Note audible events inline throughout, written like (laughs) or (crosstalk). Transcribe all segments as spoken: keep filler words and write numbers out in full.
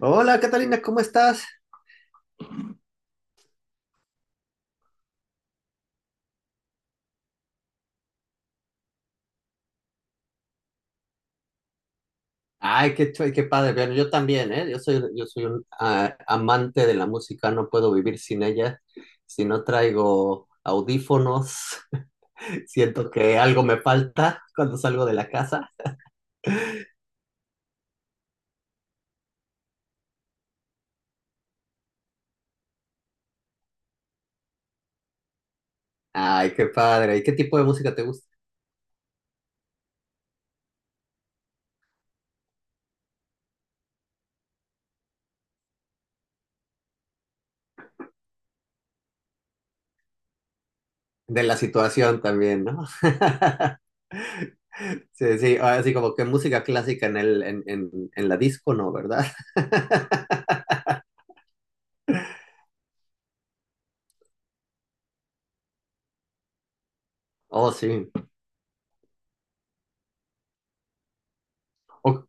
Hola Catalina, ¿cómo estás? Ay, qué chue- qué padre. Bueno, yo también, ¿eh? Yo soy, yo soy un ah, amante de la música, no puedo vivir sin ella. Si no traigo audífonos, (laughs) siento que algo me falta cuando salgo de la casa. Ay, qué padre. ¿Y qué tipo de música te gusta? De la situación también, ¿no? (laughs) Sí, sí, así como que música clásica en el, en, en, en la disco, ¿no? ¿Verdad? (laughs) Oh, sí. O-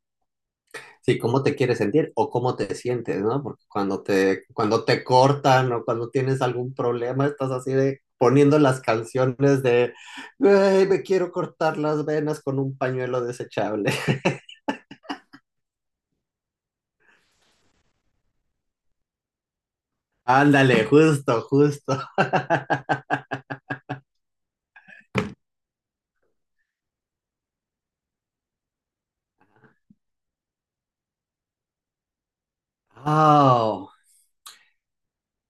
Sí, cómo te quieres sentir o cómo te sientes, ¿no? Porque cuando te, cuando te cortan o cuando tienes algún problema, estás así de poniendo las canciones de "Güey, me quiero cortar las venas con un pañuelo desechable." (laughs) Ándale, justo, justo. Oh.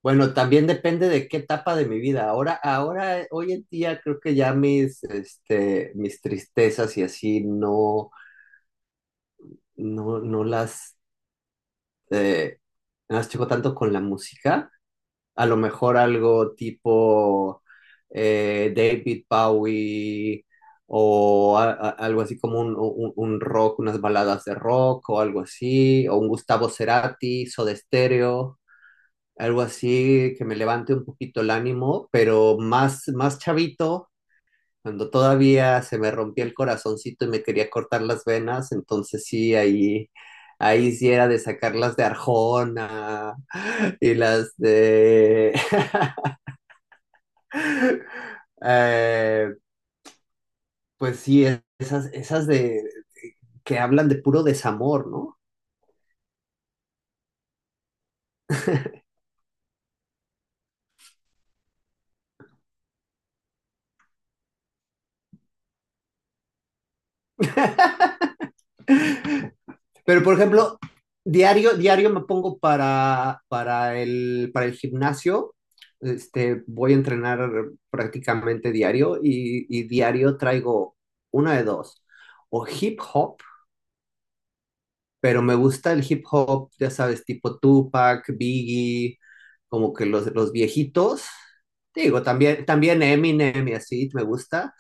Bueno, también depende de qué etapa de mi vida. Ahora, ahora, hoy en día creo que ya mis, este, mis tristezas y así no, no, no las, eh, no las checo tanto con la música, a lo mejor algo tipo eh, David Bowie o a- a- algo así como un, un- un rock, unas baladas de rock o algo así, o un Gustavo Cerati, Soda Stereo, algo así que me levante un poquito el ánimo, pero más, más chavito, cuando todavía se me rompía el corazoncito y me quería cortar las venas, entonces sí, ahí... Ahí sí era de sacarlas de Arjona y las de (laughs) Eh, pues sí, es- esas, esas de que hablan de puro desamor, ¿no? Pero por ejemplo, diario, diario me pongo para, para el, para el gimnasio. Este, voy a entrenar prácticamente diario y, y diario traigo una de dos. O hip hop, pero me gusta el hip hop, ya sabes, tipo Tupac, Biggie, como que los, los viejitos. Digo, también, también Eminem y así me gusta.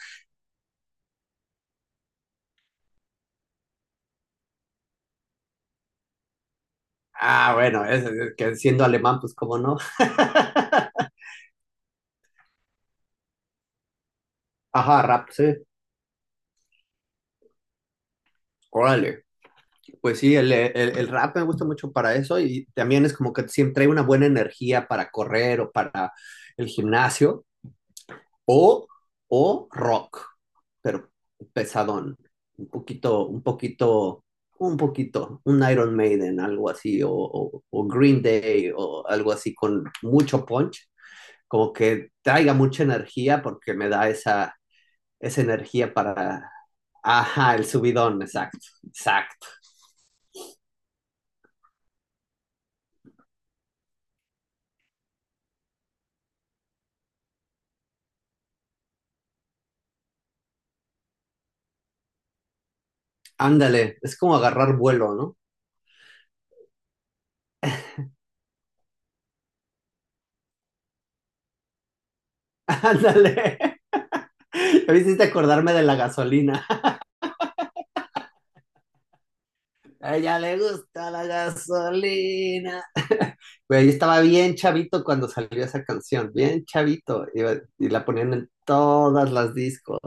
Ah, bueno, es, es que siendo alemán, pues cómo no. Ajá, rap, sí. Órale. Pues sí, el, el, el rap me gusta mucho para eso y también es como que siempre trae una buena energía para correr o para el gimnasio o, o rock, pero pesadón, un poquito, un poquito, un poquito, un Iron Maiden, algo así, o, o, o Green Day o algo así con mucho punch, como que traiga mucha energía porque me da esa, esa energía para... Ajá, el subidón, exacto, exacto. Ándale, es como agarrar vuelo, ¿no? (laughs) Ándale. (laughs) Me hiciste acordarme de la gasolina. (laughs) A ella le gusta la gasolina. (laughs) Güey, yo estaba bien chavito cuando salió esa canción, bien chavito. Y, y la ponían en todas las discos.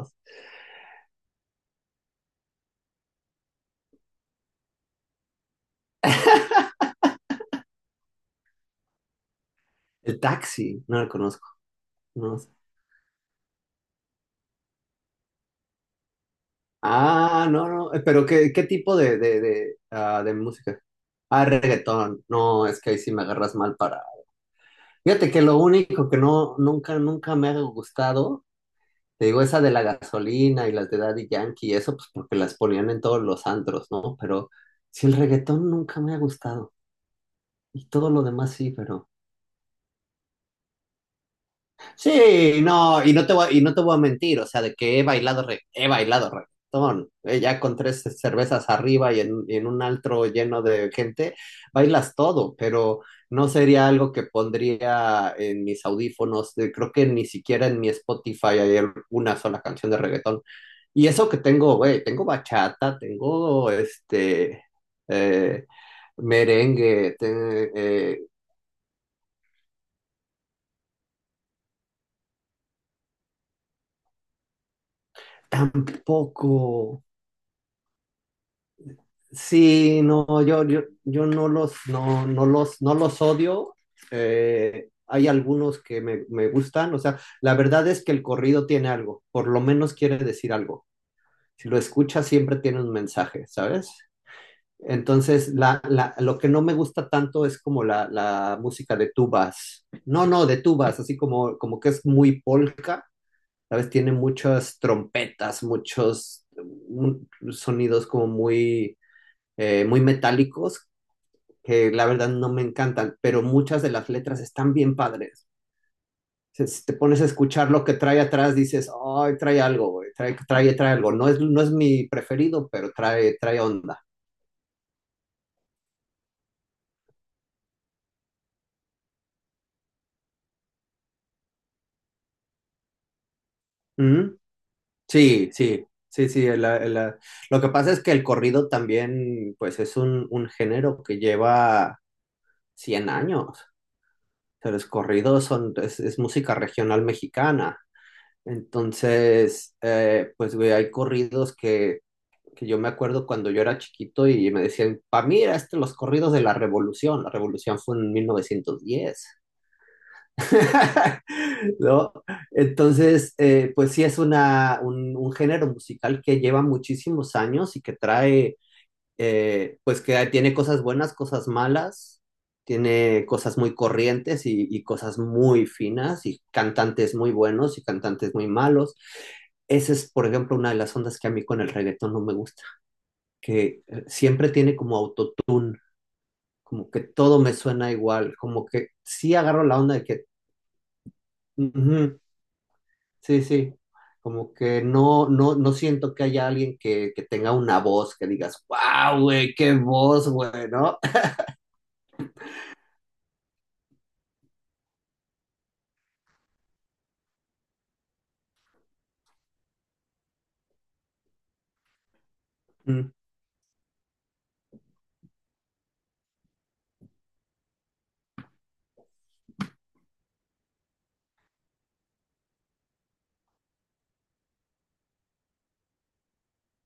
El taxi, no la conozco. No. Ah, no, no, eh, pero ¿qué, qué tipo de, de, de, ah, de música? Ah, reggaetón. No, es que ahí sí me agarras mal para. Fíjate que lo único que no, nunca, nunca me ha gustado, te digo, esa de la gasolina y las de Daddy Yankee y eso, pues porque las ponían en todos los antros, ¿no? Pero si el reggaetón nunca me ha gustado y todo lo demás sí, pero. Sí, no, y no te voy, y no te voy a mentir, o sea, de que he bailado re- he bailado reggaetón, eh, ya con tres cervezas arriba y en, y en un altro lleno de gente, bailas todo, pero no sería algo que pondría en mis audífonos, eh, creo que ni siquiera en mi Spotify hay una sola canción de reggaetón. Y eso que tengo, güey, tengo bachata, tengo este eh, merengue, te- eh, tampoco. Sí, no, yo, yo, yo no los, no, no los, no los odio. Eh, hay algunos que me, me gustan. O sea, la verdad es que el corrido tiene algo, por lo menos quiere decir algo. Si lo escuchas, siempre tiene un mensaje, ¿sabes? Entonces, la, la, lo que no me gusta tanto es como la, la música de tubas. No, no, de tubas, así como, como que es muy polka, ¿sabes? Tiene muchas trompetas, muchos mm, sonidos como muy, eh, muy metálicos que la verdad no me encantan, pero muchas de las letras están bien padres. Si te pones a escuchar lo que trae atrás, dices, ay, trae algo, güey, trae, trae, trae algo. No es, no es mi preferido, pero trae, trae onda. ¿Mm? Sí, sí, sí, sí. el- el- Lo que pasa es que el corrido también, pues, es un, un género que lleva cien años. O sea, los corridos son, es, es música regional mexicana. Entonces, eh, pues, güey, hay corridos que que yo me acuerdo cuando yo era chiquito y me decían, pa, mira, este, los corridos de la revolución, la revolución fue en mil novecientos diez. (laughs) ¿No? Entonces, eh, pues sí es una, un, un género musical que lleva muchísimos años y que trae, eh, pues que tiene cosas buenas, cosas malas, tiene cosas muy corrientes y, y cosas muy finas y cantantes muy buenos y cantantes muy malos. Esa es, por ejemplo, una de las ondas que a mí con el reggaetón no me gusta que eh, siempre tiene como autotune, como que todo me suena igual, como que sí agarro la onda de que, ujú, sí, sí, como que no, no, no siento que haya alguien que, que tenga una voz que digas, wow, güey, qué voz, güey, ¿no? (laughs) Mm.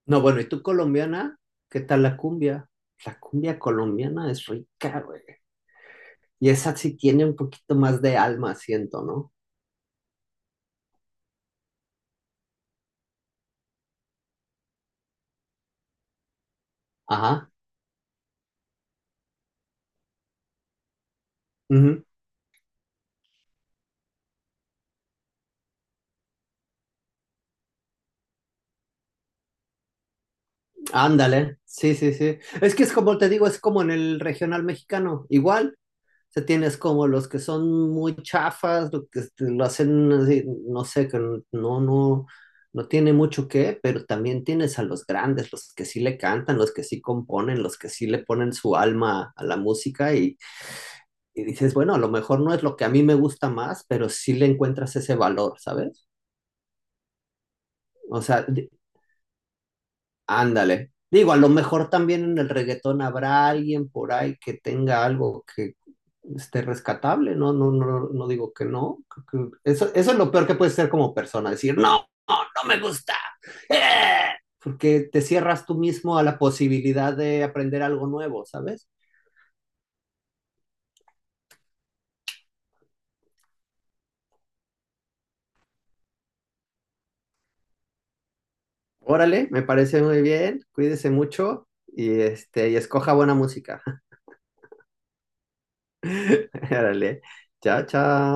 No, bueno, ¿y tú colombiana? ¿Qué tal la cumbia? La cumbia colombiana es rica, güey. Y esa sí tiene un poquito más de alma, siento, ¿no? Ajá. Ándale, sí, sí, sí. Es que es como te digo, es como en el regional mexicano, igual. O sea, tienes como los que son muy chafas, lo que este, lo hacen así, no sé, que no, no, no tiene mucho que, pero también tienes a los grandes, los que sí le cantan, los que sí componen, los que sí le ponen su alma a la música y, y dices, bueno, a lo mejor no es lo que a mí me gusta más, pero sí le encuentras ese valor, ¿sabes? O sea, Ándale. Digo, a lo mejor también en el reggaetón habrá alguien por ahí que tenga algo que esté rescatable, ¿no? No, no, no digo que no. Creo que Eso, eso es lo peor que puedes ser como persona, decir, no, no, no me gusta. ¡Eh! Porque te cierras tú mismo a la posibilidad de aprender algo nuevo, ¿sabes? Órale, me parece muy bien, cuídese mucho y, este, y escoja buena música. (laughs) Órale, chao, chao.